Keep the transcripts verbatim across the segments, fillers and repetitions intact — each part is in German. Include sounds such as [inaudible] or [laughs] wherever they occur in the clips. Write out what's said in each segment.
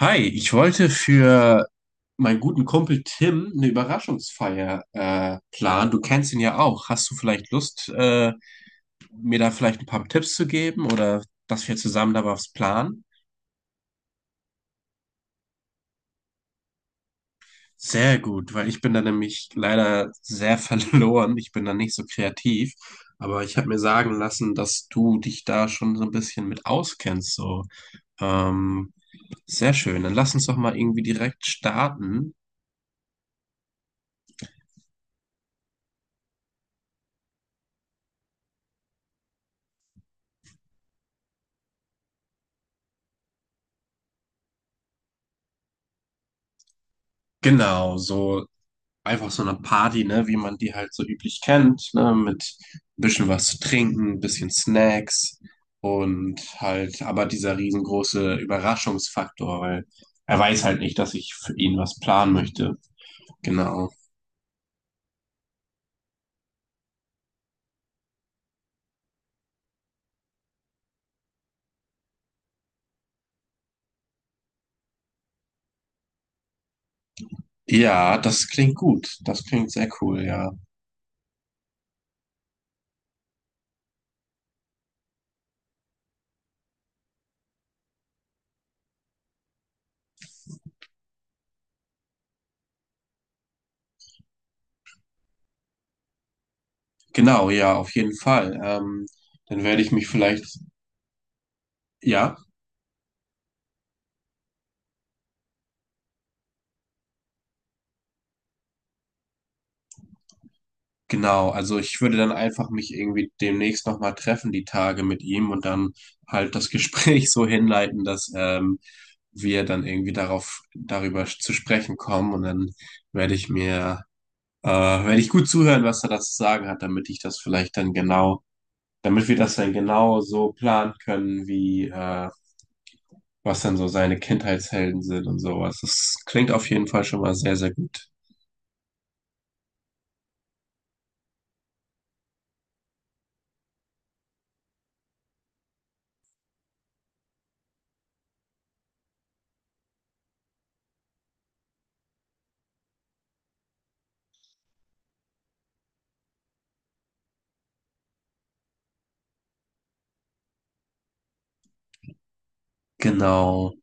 Hi, ich wollte für meinen guten Kumpel Tim eine Überraschungsfeier äh, planen. Du kennst ihn ja auch. Hast du vielleicht Lust, äh, mir da vielleicht ein paar Tipps zu geben oder dass wir zusammen da was planen? Sehr gut, weil ich bin da nämlich leider sehr [laughs] verloren. Ich bin da nicht so kreativ. Aber ich habe mir sagen lassen, dass du dich da schon so ein bisschen mit auskennst. So. Ähm, sehr schön. Dann lass uns doch mal irgendwie direkt starten. Genau, so einfach so eine Party, ne, wie man die halt so üblich kennt, ne, mit ein bisschen was zu trinken, ein bisschen Snacks und halt, aber dieser riesengroße Überraschungsfaktor, weil er weiß halt nicht, dass ich für ihn was planen möchte. Genau. Ja, das klingt gut. Das klingt sehr cool, ja. Genau, ja, auf jeden Fall. Ähm, dann werde ich mich vielleicht, ja. Genau, also ich würde dann einfach mich irgendwie demnächst nochmal treffen, die Tage mit ihm und dann halt das Gespräch [laughs] so hinleiten, dass ähm, wir dann irgendwie darauf, darüber zu sprechen kommen und dann werde ich mir, äh, werde ich gut zuhören, was er da zu sagen hat, damit ich das vielleicht dann genau, damit wir das dann genau so planen können, wie, äh, was dann so seine Kindheitshelden sind und sowas. Das klingt auf jeden Fall schon mal sehr, sehr gut. Genau.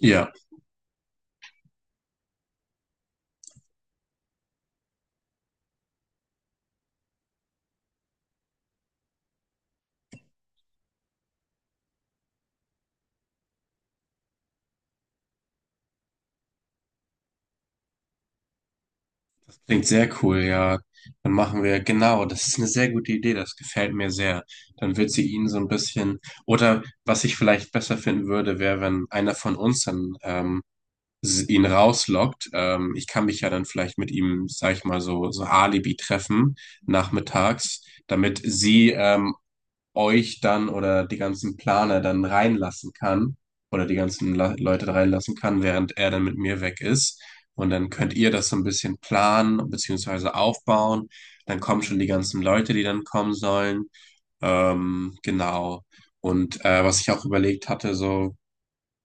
Ja. Klingt sehr cool, ja. Dann machen wir, genau, das ist eine sehr gute Idee, das gefällt mir sehr. Dann wird sie ihn so ein bisschen, oder was ich vielleicht besser finden würde, wäre, wenn einer von uns dann ähm, s- ihn rauslockt. Ähm, ich kann mich ja dann vielleicht mit ihm, sag ich mal, so, so Alibi treffen, nachmittags, damit sie ähm, euch dann oder die ganzen Planer dann reinlassen kann oder die ganzen La Leute reinlassen kann, während er dann mit mir weg ist. Und dann könnt ihr das so ein bisschen planen beziehungsweise aufbauen. Dann kommen schon die ganzen Leute, die dann kommen sollen. Ähm, genau. Und äh, was ich auch überlegt hatte, so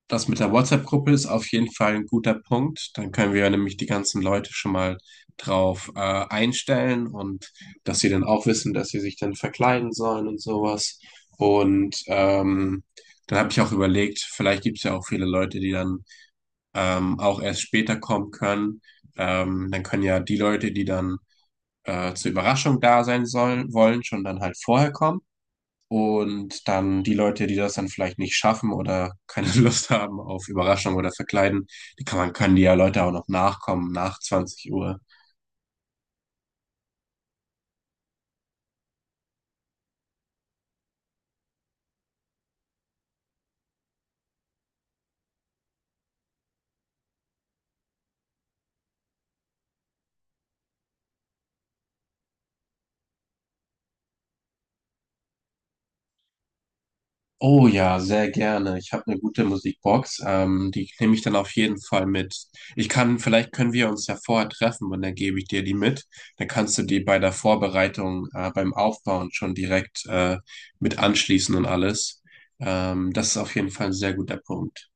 das mit der WhatsApp-Gruppe ist auf jeden Fall ein guter Punkt. Dann können wir nämlich die ganzen Leute schon mal drauf äh, einstellen und dass sie dann auch wissen, dass sie sich dann verkleiden sollen und sowas. Und ähm, dann habe ich auch überlegt, vielleicht gibt es ja auch viele Leute, die dann ähm, auch erst später kommen können. Ähm, dann können ja die Leute, die dann äh, zur Überraschung da sein sollen, wollen, schon dann halt vorher kommen. Und dann die Leute, die das dann vielleicht nicht schaffen oder keine [laughs] Lust haben auf Überraschung oder Verkleiden, die kann man, können die ja Leute auch noch nachkommen nach zwanzig Uhr. Oh ja, sehr gerne. Ich habe eine gute Musikbox. Ähm, die nehme ich dann auf jeden Fall mit. Ich kann, vielleicht können wir uns ja vorher treffen und dann gebe ich dir die mit. Dann kannst du die bei der Vorbereitung, äh, beim Aufbauen schon direkt äh, mit anschließen und alles. Ähm, das ist auf jeden Fall ein sehr guter Punkt.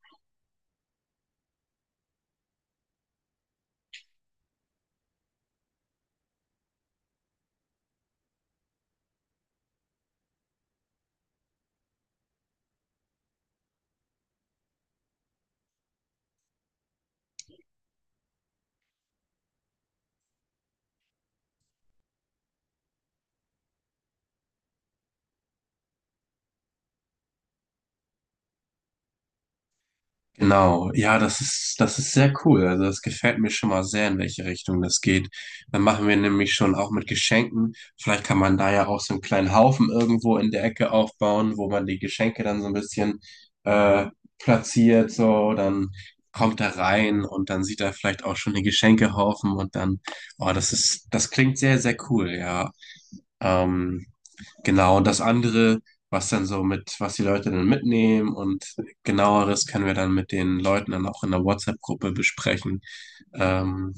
Genau, ja, das ist, das ist sehr cool. Also das gefällt mir schon mal sehr, in welche Richtung das geht. Dann machen wir nämlich schon auch mit Geschenken. Vielleicht kann man da ja auch so einen kleinen Haufen irgendwo in der Ecke aufbauen, wo man die Geschenke dann so ein bisschen äh, platziert. So, dann kommt er rein und dann sieht er vielleicht auch schon den Geschenkehaufen und dann, oh, das ist, das klingt sehr, sehr cool, ja. Ähm, genau, und das andere, was dann so mit, was die Leute dann mitnehmen und genaueres können wir dann mit den Leuten dann auch in der WhatsApp-Gruppe besprechen. Ähm,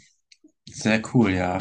sehr cool, ja.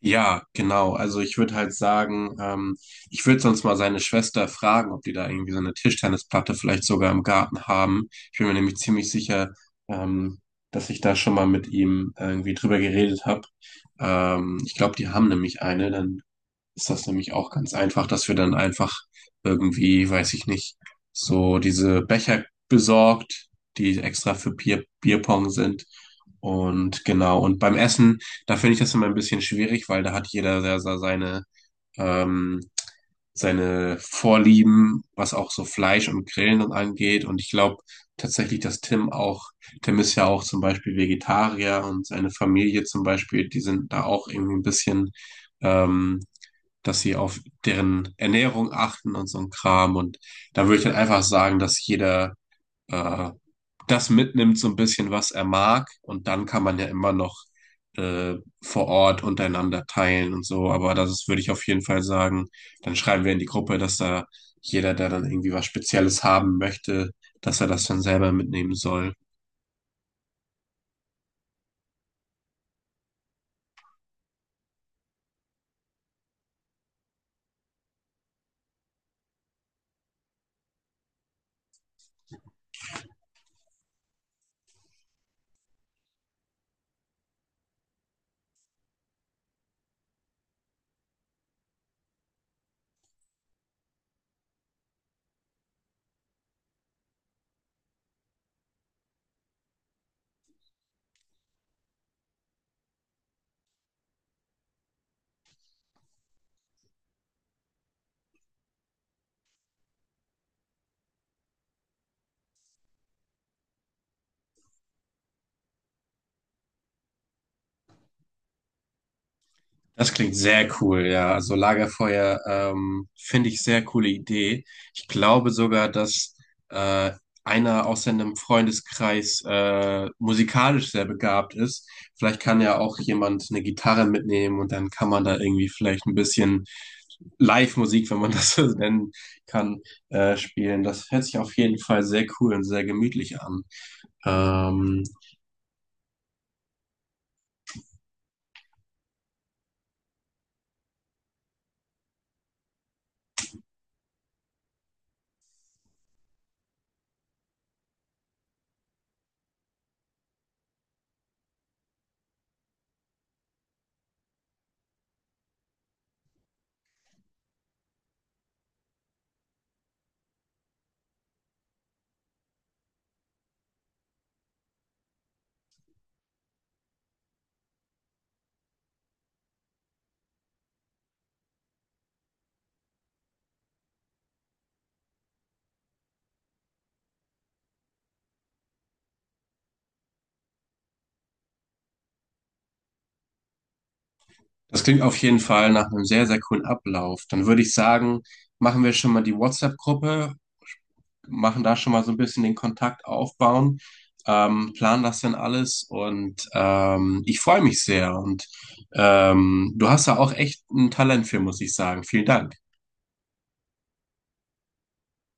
Ja, genau. Also ich würde halt sagen, ähm, ich würde sonst mal seine Schwester fragen, ob die da irgendwie so eine Tischtennisplatte vielleicht sogar im Garten haben. Ich bin mir nämlich ziemlich sicher, ähm, dass ich da schon mal mit ihm irgendwie drüber geredet habe. Ähm, ich glaube, die haben nämlich eine. Dann ist das nämlich auch ganz einfach, dass wir dann einfach irgendwie, weiß ich nicht, so diese Becher besorgt, die extra für Bier, Bierpong sind. Und genau, und beim Essen, da finde ich das immer ein bisschen schwierig, weil da hat jeder sehr, sehr seine, ähm, seine Vorlieben, was auch so Fleisch und Grillen und angeht. Und ich glaube tatsächlich, dass Tim auch, Tim ist ja auch zum Beispiel Vegetarier und seine Familie zum Beispiel, die sind da auch irgendwie ein bisschen ähm, dass sie auf deren Ernährung achten und so ein Kram. Und da würde ich dann einfach sagen, dass jeder äh, das mitnimmt, so ein bisschen, was er mag. Und dann kann man ja immer noch äh, vor Ort untereinander teilen und so. Aber das ist, würde ich auf jeden Fall sagen. Dann schreiben wir in die Gruppe, dass da jeder, der dann irgendwie was Spezielles haben möchte, dass er das dann selber mitnehmen soll. Das klingt sehr cool, ja. Also Lagerfeuer, ähm, finde ich sehr coole Idee. Ich glaube sogar, dass äh, einer aus seinem Freundeskreis äh, musikalisch sehr begabt ist. Vielleicht kann ja auch jemand eine Gitarre mitnehmen und dann kann man da irgendwie vielleicht ein bisschen Live-Musik, wenn man das [laughs] so nennen kann, äh, spielen. Das hört sich auf jeden Fall sehr cool und sehr gemütlich an. Ähm, Das klingt auf jeden Fall nach einem sehr, sehr coolen Ablauf. Dann würde ich sagen, machen wir schon mal die WhatsApp-Gruppe, machen da schon mal so ein bisschen den Kontakt aufbauen, ähm, planen das dann alles und ähm, ich freue mich sehr. Und ähm, du hast da auch echt ein Talent für, muss ich sagen. Vielen Dank.